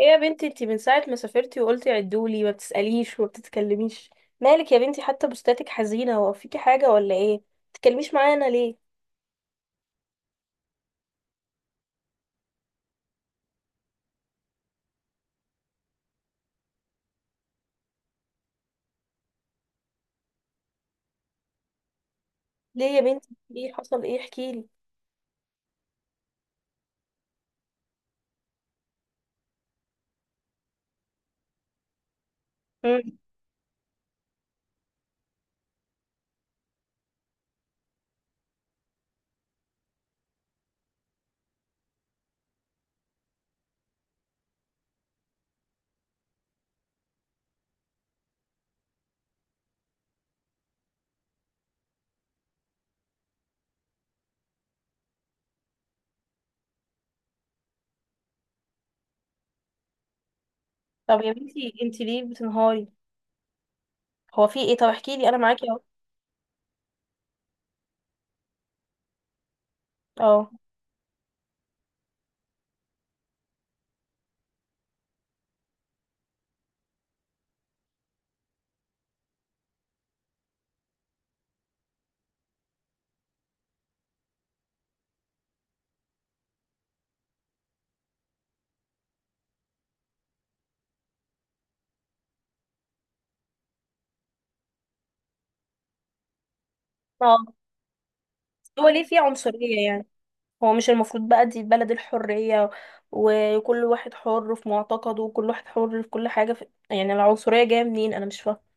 ايه يا بنتي، انتي من ساعة ما سافرتي وقلتي عدولي ما بتسأليش وما بتتكلميش. مالك يا بنتي؟ حتى بوستاتك حزينة. هو فيكي حاجة ولا ايه؟ ما بتتكلميش معانا ليه؟ ليه يا بنتي؟ ايه حصل؟ ايه احكيلي. مم. طب يا بنتي انتي ليه بتنهاري؟ هو في ايه؟ طب احكيلي انا معاكي اهو. اه، اه. هو ليه في عنصرية يعني؟ هو مش المفروض بقى دي بلد الحرية، وكل واحد حر في معتقده وكل واحد حر في كل حاجة يعني العنصرية جاية منين؟ انا مش فاهمة.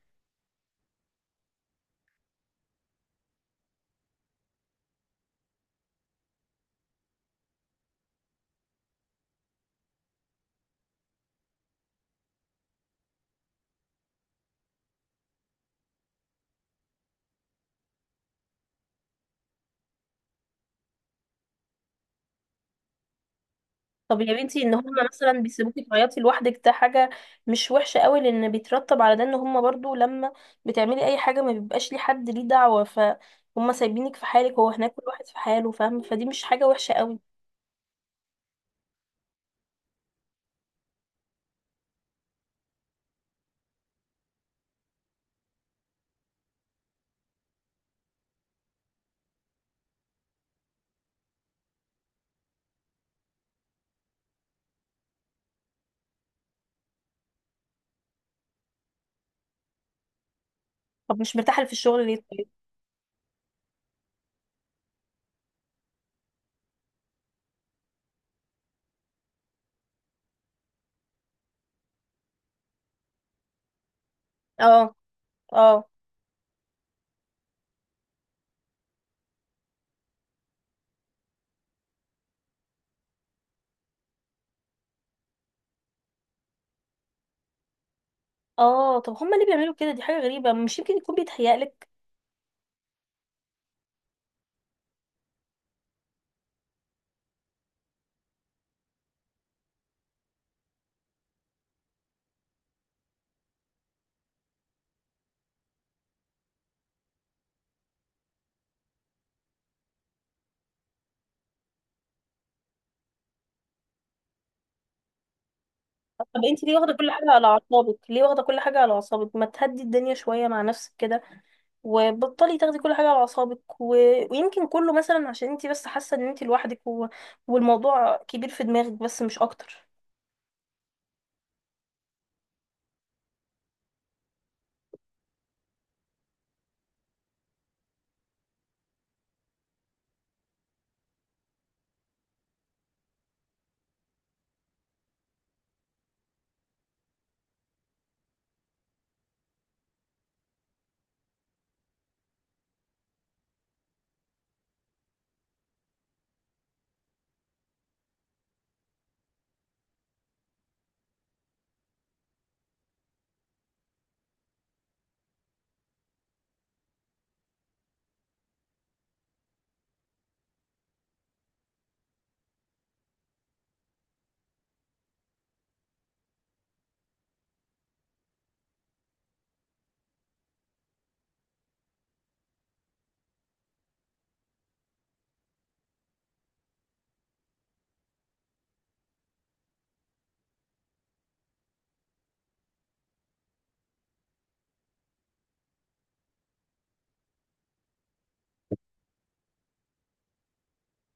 طب يا بنتي ان هم مثلا بيسيبوكي تعيطي لوحدك، ده حاجه مش وحشه قوي؟ لان بيترتب على ده ان هم برضو لما بتعملي اي حاجه ما بيبقاش ليه حد ليه دعوه، فهم سايبينك في حالك. هو هناك كل واحد في حاله فاهم، فدي مش حاجه وحشه قوي؟ طب مش مرتاحه في الشغل ليه طيب؟ اه، اه، اه. طب هم ليه بيعملوا كده؟ دي حاجه غريبه. مش يمكن يكون بيتهيألك؟ طب انت ليه واخده كل حاجه على اعصابك؟ ليه واخده كل حاجه على اعصابك؟ ما تهدي الدنيا شويه مع نفسك كده، وبطلي تاخدي كل حاجة على أعصابك ويمكن كله مثلا عشان انتي بس حاسة ان انتي لوحدك، والموضوع كبير في دماغك بس، مش أكتر.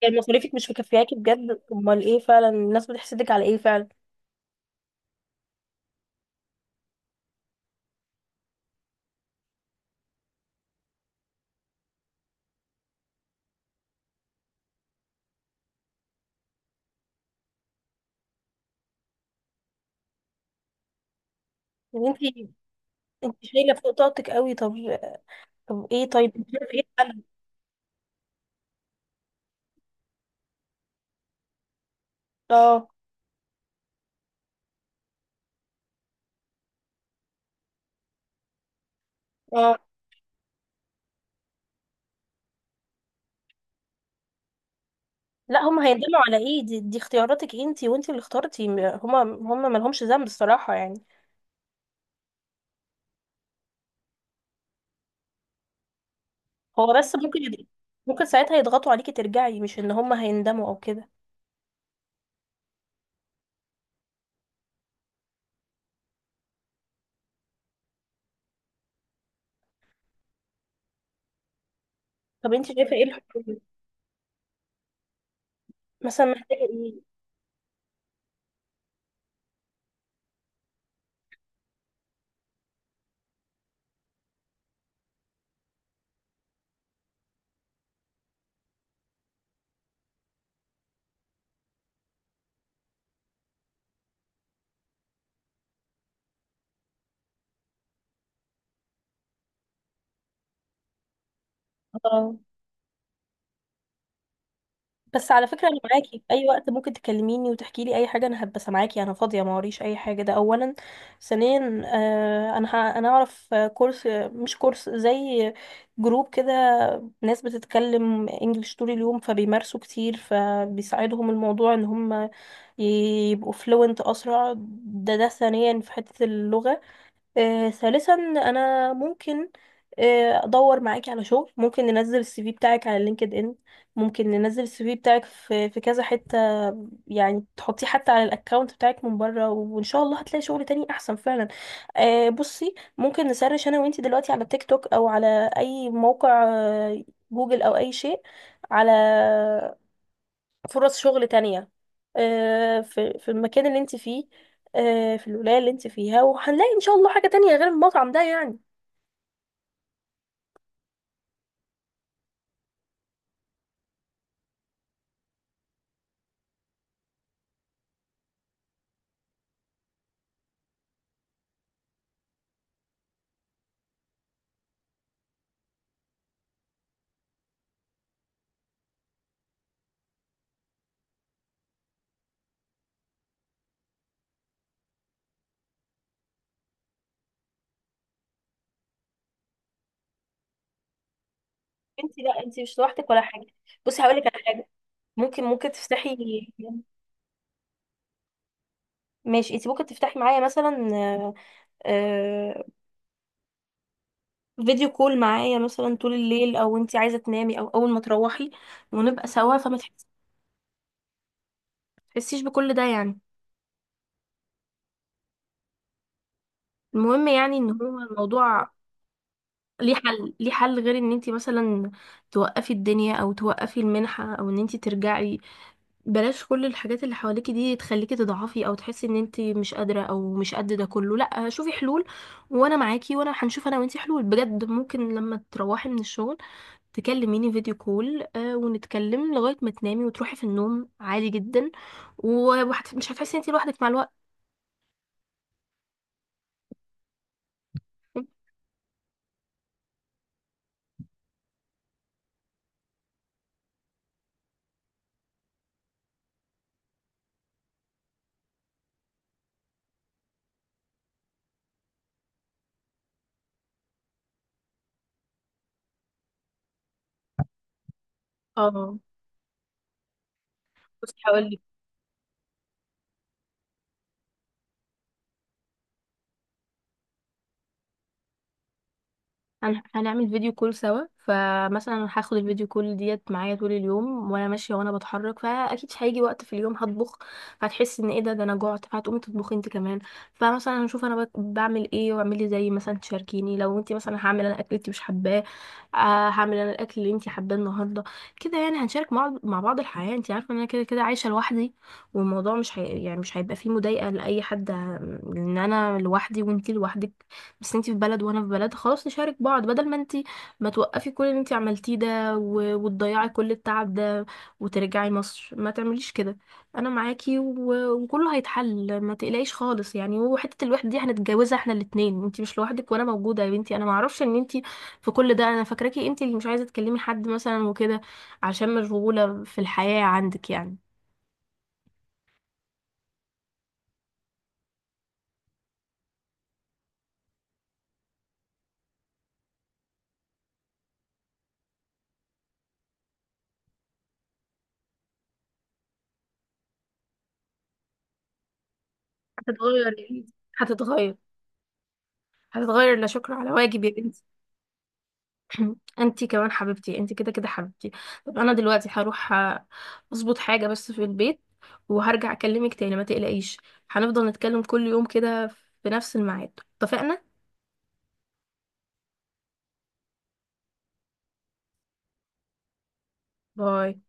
يعني مصاريفك مش مكفياكي بجد؟ أمال ايه؟ فعلا الناس بتحسدك على ايه فعلا؟ يعني انتي شايلة فوق طاقتك قوي. طب، طب ايه طيب؟ انتي شايفة ايه الحل؟ اه، اه. لا هما هيندموا على ايه؟ دي اختياراتك انتي وانتي اللي اخترتي، هما ملهمش ذنب الصراحة يعني. هو بس ممكن ساعتها يضغطوا عليكي ترجعي، مش ان هما هيندموا او كده. طب انتي شايفة ايه الحل؟ مثلا محتاجة ايه؟ اه، بس على فكرة أنا معاكي في أي وقت، ممكن تكلميني وتحكي لي أي حاجة، أنا هبقى سامعاكي، أنا فاضية ما وريش أي حاجة، ده أولا. ثانيا، أنا أعرف كورس، مش كورس زي جروب كده، ناس بتتكلم إنجليش طول اليوم فبيمارسوا كتير فبيساعدهم الموضوع إن هم يبقوا فلوينت أسرع. ده ثانيا في حتة اللغة. ثالثا، انا ممكن ادور معاكي على شغل، ممكن ننزل السي في بتاعك على لينكد ان، ممكن ننزل السي في بتاعك في كذا حتة يعني، تحطيه حتى على الاكونت بتاعك من بره، وان شاء الله هتلاقي شغل تاني احسن فعلا. بصي، ممكن نسرش انا وانتي دلوقتي على تيك توك او على اي موقع، جوجل او اي شيء، على فرص شغل تانية، في المكان اللي انت فيه، في الولاية اللي انت فيها، وهنلاقي ان شاء الله حاجة تانية غير المطعم ده يعني. لا، انت مش لوحدك ولا حاجة. بصي هقول لك على حاجة، ممكن تفتحي... ماشي، انت ممكن تفتحي معايا مثلا آه، فيديو كول معايا مثلا طول الليل، او انت عايزة تنامي او اول ما تروحي ونبقى سوا، فما تحسيش بكل ده يعني. المهم يعني ان هو الموضوع ليه حل، ليه حل غير ان انت مثلا توقفي الدنيا، او توقفي المنحة، او ان انت ترجعي. بلاش كل الحاجات اللي حواليكي دي تخليكي تضعفي او تحسي ان انت مش قادرة او مش قد ده كله. لا، شوفي حلول وانا معاكي، وانا هنشوف انا وانتي حلول بجد. ممكن لما تروحي من الشغل تكلميني فيديو كول، ونتكلم لغاية ما تنامي وتروحي في النوم عادي جدا، ومش هتحسي ان انت لوحدك مع الوقت. اه بس هنعمل فيديو كول سوا، فمثلا هاخد الفيديو كول ديت معايا طول اليوم وانا ماشيه وانا بتحرك، فاكيد هيجي وقت في اليوم هطبخ، فهتحس ان ايه ده، انا جعت، فهتقومي تطبخي انت كمان. فمثلا هنشوف انا بعمل ايه، واعملي زي، مثلا تشاركيني، لو انت مثلا هعمل انا اكل انت مش حباه، هعمل انا الاكل اللي انت حباه النهارده. كده يعني هنشارك مع بعض الحياه، انت عارفه ان انا كده كده عايشه لوحدي، والموضوع مش يعني مش هيبقى فيه مضايقه لاي حد، ان انا لوحدي وانت لوحدك. بس انتي في بلد وانا في بلد، خلاص نشارك بعض بدل ما انتي ما توقفي كل اللي انتي عملتيه ده وتضيعي كل التعب ده وترجعي مصر. ما تعمليش كده، انا معاكي وكله هيتحل، ما تقلقيش خالص يعني. وحتة الوحدة دي هنتجوزها احنا الاتنين، انتي مش لوحدك وانا موجودة يا بنتي. انا معرفش ان انتي في كل ده، انا فاكراكي انتي اللي مش عايزة تكلمي حد مثلا وكده عشان مشغولة في الحياة عندك يعني. هتتغير يا بنتي، هتتغير، هتتغير. لا شكر على واجب يا بنتي. انتي كمان حبيبتي، انتي كده كده حبيبتي. طب انا دلوقتي هروح اظبط حاجة بس في البيت، وهرجع اكلمك تاني، ما تقلقيش، هنفضل نتكلم كل يوم كده في نفس الميعاد. اتفقنا؟ باي.